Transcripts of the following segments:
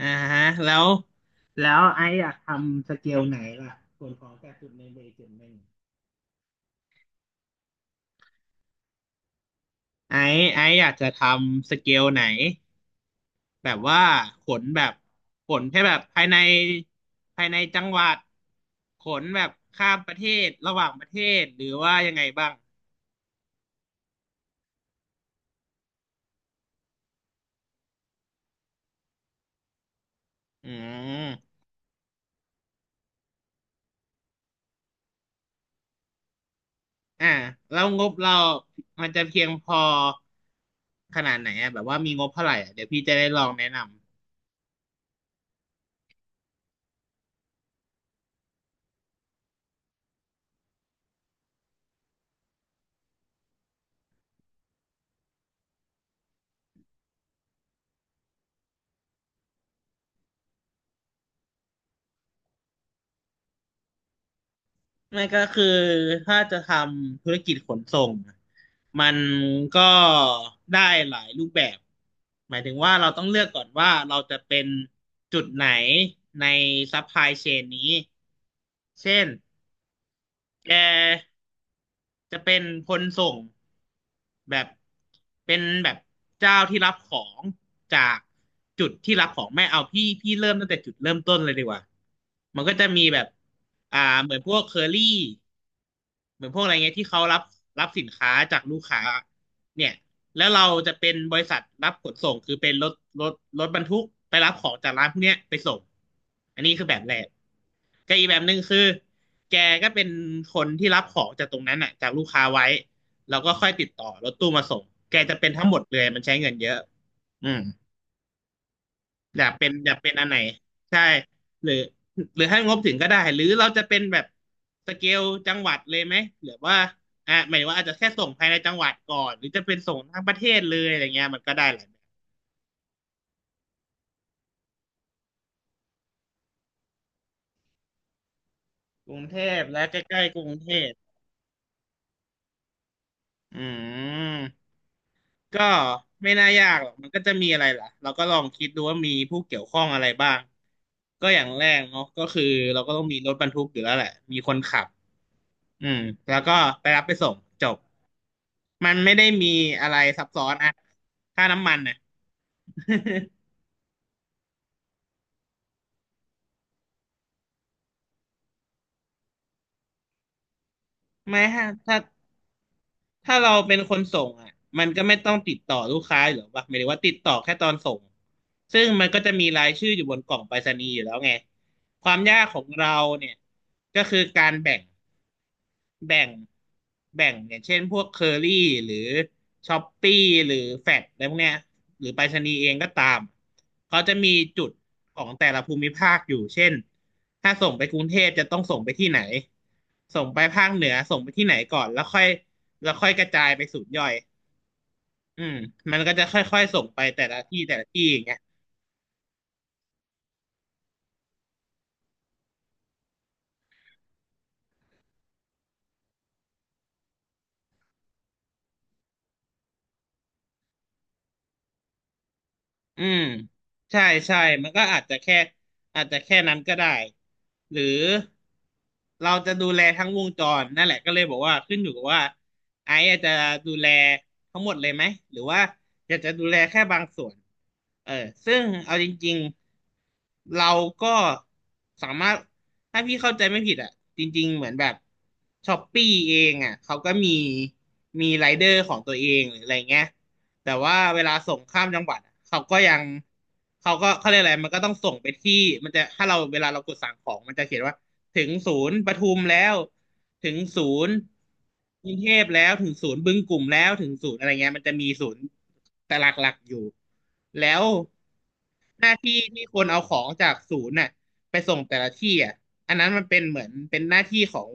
อ่าฮะแล้วแล้วไอซ์อยากทำสเกลไหนล่ะส่วนของแต่จุดหนึ่งไปอีกจุดหนึ่งไอซ์อยากจะทำสเกลไหนแบบว่าขนแบบขนแค่แบบภายในภายในจังหวัดขนแบบข้ามประเทศระหว่างประเทศหรือว่ายังไงบ้างอืมอ่าแล้วงบเรามันจะเพียงพอขนาดไหนอะแบบว่ามีงบเท่าไหร่อะเดี๋ยวพี่จะได้ลองแนะนำ ไม่ก็คือถ้าจะทำธุรกิจขนส่งมันก็ได้หลายรูปแบบหมายถึงว่าเราต้องเลือกก่อนว่าเราจะเป็นจุดไหนในซัพพลายเชนนี้เช่นแกจะเป็นคนส่งแบบเป็นแบบเจ้าที่รับของจากจุดที่รับของไม่เอาพี่พี่เริ่มตั้งแต่จุดเริ่มต้นเลยดีกว่ามันก็จะมีแบบอ่าเหมือนพวกเคอรี่ เหมือนพวกอะไรเงี้ยที่เขารับรับสินค้าจากลูกค้าเนี่ยแล้วเราจะเป็นบริษัทรับขนส่งคือเป็นรถรถรถบรรทุกไปรับของจากร้านพวกเนี้ยไปส่งอันนี้คือแบบแรกก็อีกแบบหนึ่งคือแกก็เป็นคนที่รับของจากตรงนั้นอ่ะจากลูกค้าไว้แล้วก็ค่อยติดต่อรถตู้มาส่งแกจะเป็นทั้งหมดเลยมันใช้เงินเยอะอืม อยากเป็นอยากเป็นอันไหนใช่หรือหรือให้งบถึงก็ได้หรือเราจะเป็นแบบสเกลจังหวัดเลยไหมหรือว่าอ่ะหมายถึงว่าอาจจะแค่ส่งภายในจังหวัดก่อนหรือจะเป็นส่งทั้งประเทศเลยอะไรเงี้ยมันก็ได้หลายแบบกรุงเทพและใกล้ๆกรุงเทพอืมก็ไม่น่ายากหรอกมันก็จะมีอะไรล่ะเราก็ลองคิดดูว่ามีผู้เกี่ยวข้องอะไรบ้างก็อย่างแรกเนาะก็คือเราก็ต้องมีรถบรรทุกอยู่แล้วแหละมีคนขับอืมแล้วก็ไปรับไปส่งจบ มันไม่ได้มีอะไรซับซ้อนอะค่าน้ำมันน่ะ ไม่ฮะถ้าเราเป็นคนส่งอ่ะมันก็ไม่ต้องติดต่อลูกค้าหรือยู่หรอกปะหมายถึงว่าติดต่อแค่ตอนส่ง ซึ่งมันก็จะมีรายชื่ออยู่บนกล่องไปรษณีย์อยู่แล้วไง ความยากของเราเนี่ยก็คือการแบ่ง แบ่งแบ่งอย่างเช่นพวกเคอรี่หรือช้อปปี้หรือแฟดอะไรพวกเนี้ยหรือไปรษณีย์เองก็ตามเขาจะมีจุดของแต่ละภูมิภาคอยู่เช่นถ้าส่งไปกรุงเทพจะต้องส่งไปที่ไหนส่งไปภาคเหนือส่งไปที่ไหนก่อนแล้วค่อยกระจายไปศูนย์ย่อยอืมมันก็จะค่อยๆส่งไปแต่ละที่แต่ละที่อย่างเงี้ย อืมใช่ใช่มันก็อาจจะแค่นั้นก็ได้หรือเราจะดูแลทั้งวงจรนั่นแหละก็เลยบอกว่าขึ้นอยู่กับว่าไอซ์อาจจะดูแลทั้งหมดเลยไหมหรือว่าอยากจะดูแลแค่บางส่วนเออซึ่งเอาจริงๆเราก็สามารถถ้าพี่เข้าใจไม่ผิดอ่ะจริงๆเหมือนแบบช้อปปี้เองอ่ะเขาก็มีมีไรเดอร์ของตัวเองหรืออะไรเงี้ย แต่ว่าเวลาส่งข้ามจังหวัดอะเขาก็ยังเขาเรียกอะไรมันก็ต้องส่งไปที่มันจะถ้าเราเวลาเรากดสั่งของมันจะเขียนว่า ถึงศูนย์ปทุมแล้ว ถึงศูนย์กรุงเทพแล้ว ถึงศูนย์บึงกลุ่มแล้วถึงศูนย์อะไรเงี้ยมันจะมีศูนย์แต่หลักๆอยู่แล้วหน้าที่ที่คนเอาของจากศูนย์น่ะ ไปส่งแต่ละที่อ่ะอันนั้นมันเป็นเหมือนเป็นหน้าที่ของ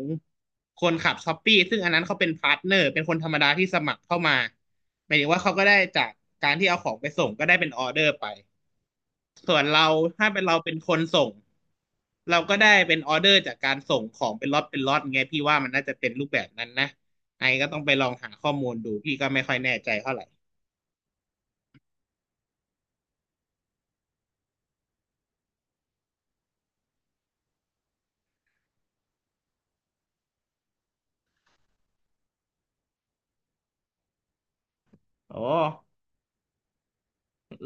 คนขับช้อปปี้ซึ่งอันนั้นเขาเป็นพาร์ทเนอร์เป็นคนธรรมดาที่สมัครเข้ามาหมายถึงว่าเขาก็ได้จากการที่เอาของไปส่งก็ได้เป็นออเดอร์ไปส่วนเราถ้าเป็นเราเป็นคนส่งเราก็ได้เป็นออเดอร์จากการส่งของเป็นล็อตเป็นล็อตไงพี่ว่ามันน่าจะเป็นรูปแบบนั้นนะไอ้ก็ต้องไปลองหาข้อมูลดูพี่ก็ไม่ค่อยแน่ใจเท่าไหร่โอ้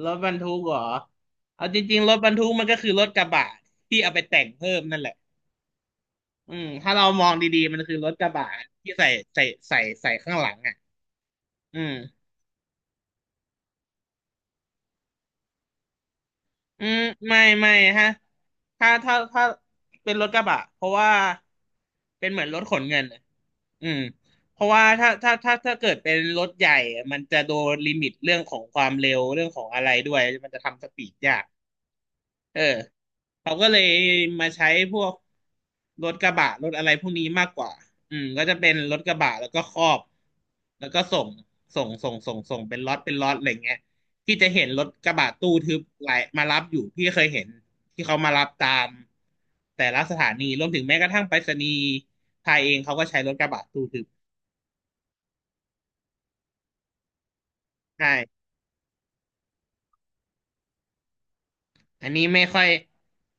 รถบรรทุกเหรอเอาจริงๆรถบรรทุกมันก็คือรถกระบะที่เอาไปแต่งเพิ่มนั่นแหละ อืมถ้าเรามองดีๆ มันคือรถกระบะที่ใส่ใส่ใส่ใส่ข้างหลังอ่ะอืมอืมไม่ไม่ฮะถ้าเป็นรถกระบะเพราะว่าเป็นเหมือนรถขนเงินอะอืมเพราะว่าถ้าเกิดเป็นรถใหญ่มันจะโดนลิมิตเรื่องของความเร็วเรื่องของอะไรด้วย มันจะทำสปีดยาก เออเขาก็เลยมาใช้พวกรถกระบะรถอะไรพวกนี้มากกว่าอืมก็จะเป็นรถกระบะแล้วก็ครอบแล้วก็ส่งเป็นล็อตเป็นล็อตอะไรเงี้ยที่จะเห็นรถกระบะตู้ทึบไหลมารับอยู่พี่เคยเห็นที่เขามารับตามแต่ละสถานีรวมถึงแม้กระทั่งไปรษณีย์ไทยเองเขาก็ใช้รถกระบะตู้ทึบใช่ อันนี้ไม่ค่อย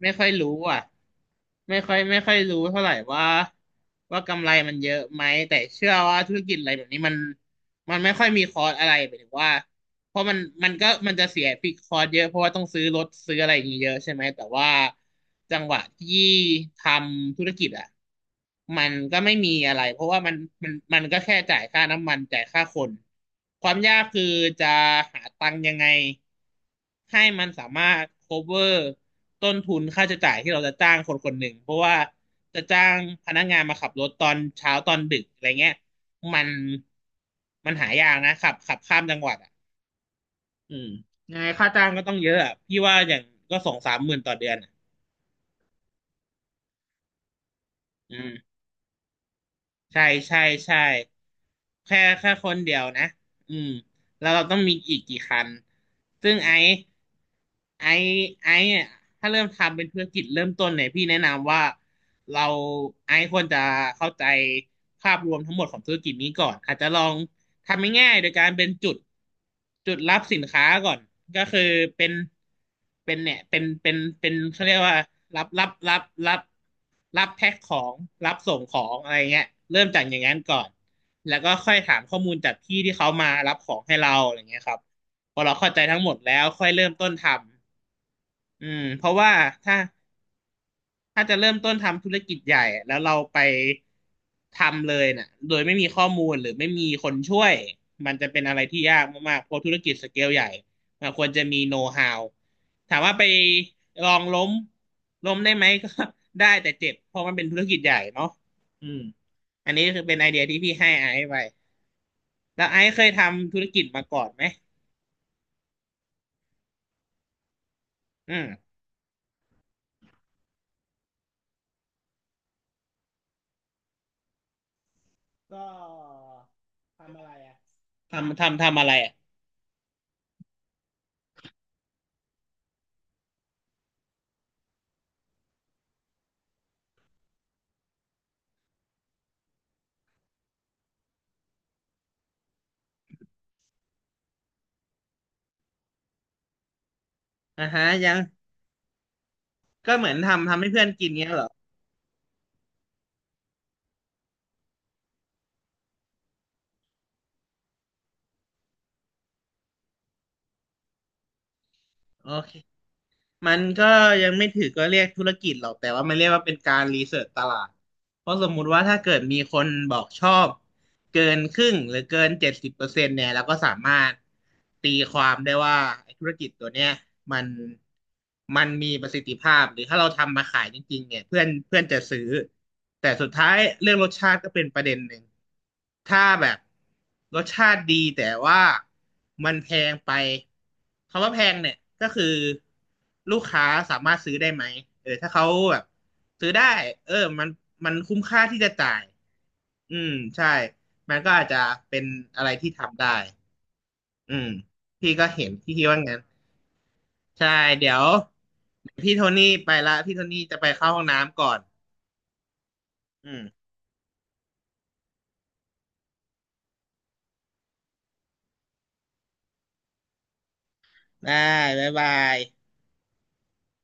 ไม่ค่อยรู้อ่ะไม่ค่อยรู้เท่าไหร่ว่ากำไรมันเยอะไหมแต่เชื่อว่าธุรกิจอะไรแบบนี้มันไม่ค่อยมีคอร์สอะไรหมายถึงว่าเพราะมันก็มันจะเสียฟิกคอร์สเยอะเพราะว่าต้องซื้อรถซื้ออะไรอย่างเงี้ยเยอะใช่ไหมแต่ว่าจังหวะที่ทำธุรกิจอ่ะมันก็ไม่มีอะไรเพราะว่ามันก็แค่จ่ายค่าน้ำมันจ่ายค่าคนความยากคือจะหาตังค์ยังไง ให้มันสามารถ cover ต้นทุนค่าใช้จ่ายที่เราจะจ้างคนคนหนึ่ง เพราะว่าจะจ้างพนักงานมาขับรถตอนเช้าตอนดึกอะไรเงี้ย มันมันหายากนะขับข้ามจังหวัดอ่ะอืมยังไงค่าจ้างก็ต้องเยอะอะ พี่ว่าอย่างก็สองสามหมื่นต่อเดือนอะอืม ใช่ใช่ใช่แค่คนเดียวนะอืมแล้วเราต้องมีอีกกี่คันซึ่งไอ้ไอ้เนี่ยถ้าเริ่มทำเป็นธุรกิจเริ่มต้นเนี่ยพี่แนะนำว่าเราไอ้ควรจะเข้าใจภาพรวมทั้งหมดของธุรกิจนี้ก่อนอาจจะลอง ทำง่ายๆโดยการเป็นจุดจุดรับสินค้าก่อนก็คือเป็นเป็นเนี่ยเป็นเป็นเป็นเขาเรียกว่ารับรับรับรับรับแพ็คของรับส่งของอะไรเงี้ยเริ่มจากอย่างนั้นก่อนแล้วก็ค่อยถามข้อมูลจากพี่ที่เขามารับของให้เราอะไรเงี้ยครับพอเราเข้าใจทั้งหมดแล้วค่อยเริ่มต้นทำอืมเพราะว่าถ้า ถ้าจะเริ่มต้นทำธุรกิจใหญ่แล้วเราไปทำเลยน่ะโดยไม่มีข้อมูลหรือไม่มีคนช่วยมันจะเป็นอะไรที่ยากมากๆเพราะธุรกิจสเกลใหญ่มันควรจะมีโน้ตฮาวถามว่าไปลองล้มล้มได้ไหมก็ ได้แต่เจ็บเพราะมันเป็นธุรกิจใหญ่เนาะอืมอันนี้คือเป็นไอเดียที่พี่ให้ไอซ์ไปแล้วไอซ์เคยทำธุรกิจมาก่อนไหมอืมก็ทำอะไรอ่ะทำอะไรอ่ะอ่าฮะยัง ก็เหมือนทำให้เพื่อนกินเงี้ยเหรอโอเคมันก็ยังไม่ถือก็เรียกธุรกิจหรอกแต่ว่ามันเรียกว่าเป็นการรีเสิร์ชตลาดเพราะสมมุติว่าถ้าเกิดมีคนบอกชอบ เกินครึ่งหรือเกิน70%เนี่ยเราก็สามารถตีความได้ว่าไอ้ธุรกิจตัวเนี้ยมันมันมีประสิทธิภาพหรือถ้าเราทำมาขายจริงๆเนี่ยเพื่อนเพื่อนจะซื้อแต่สุดท้ายเรื่องรสชาติก็เป็นประเด็นหนึ่งถ้าแบบรสชาติดีแต่ว่ามันแพงไปคำว่าแพงเนี่ยก็คือลูกค้าสามารถซื้อได้ไหมเออถ้าเขาแบบซื้อได้เออมันคุ้มค่าที่จะจ่าย อืมใช่มันก็อาจจะเป็นอะไรที่ทำได้อืมพี่ก็เห็นพี่คิดว่างั้นใช่เดี๋ยวเดี๋ยวพี่โทนี่ไปละพี่โทนี่จะไปเข้าห้องน้ำก่อนอืมได้บ๊ายบาย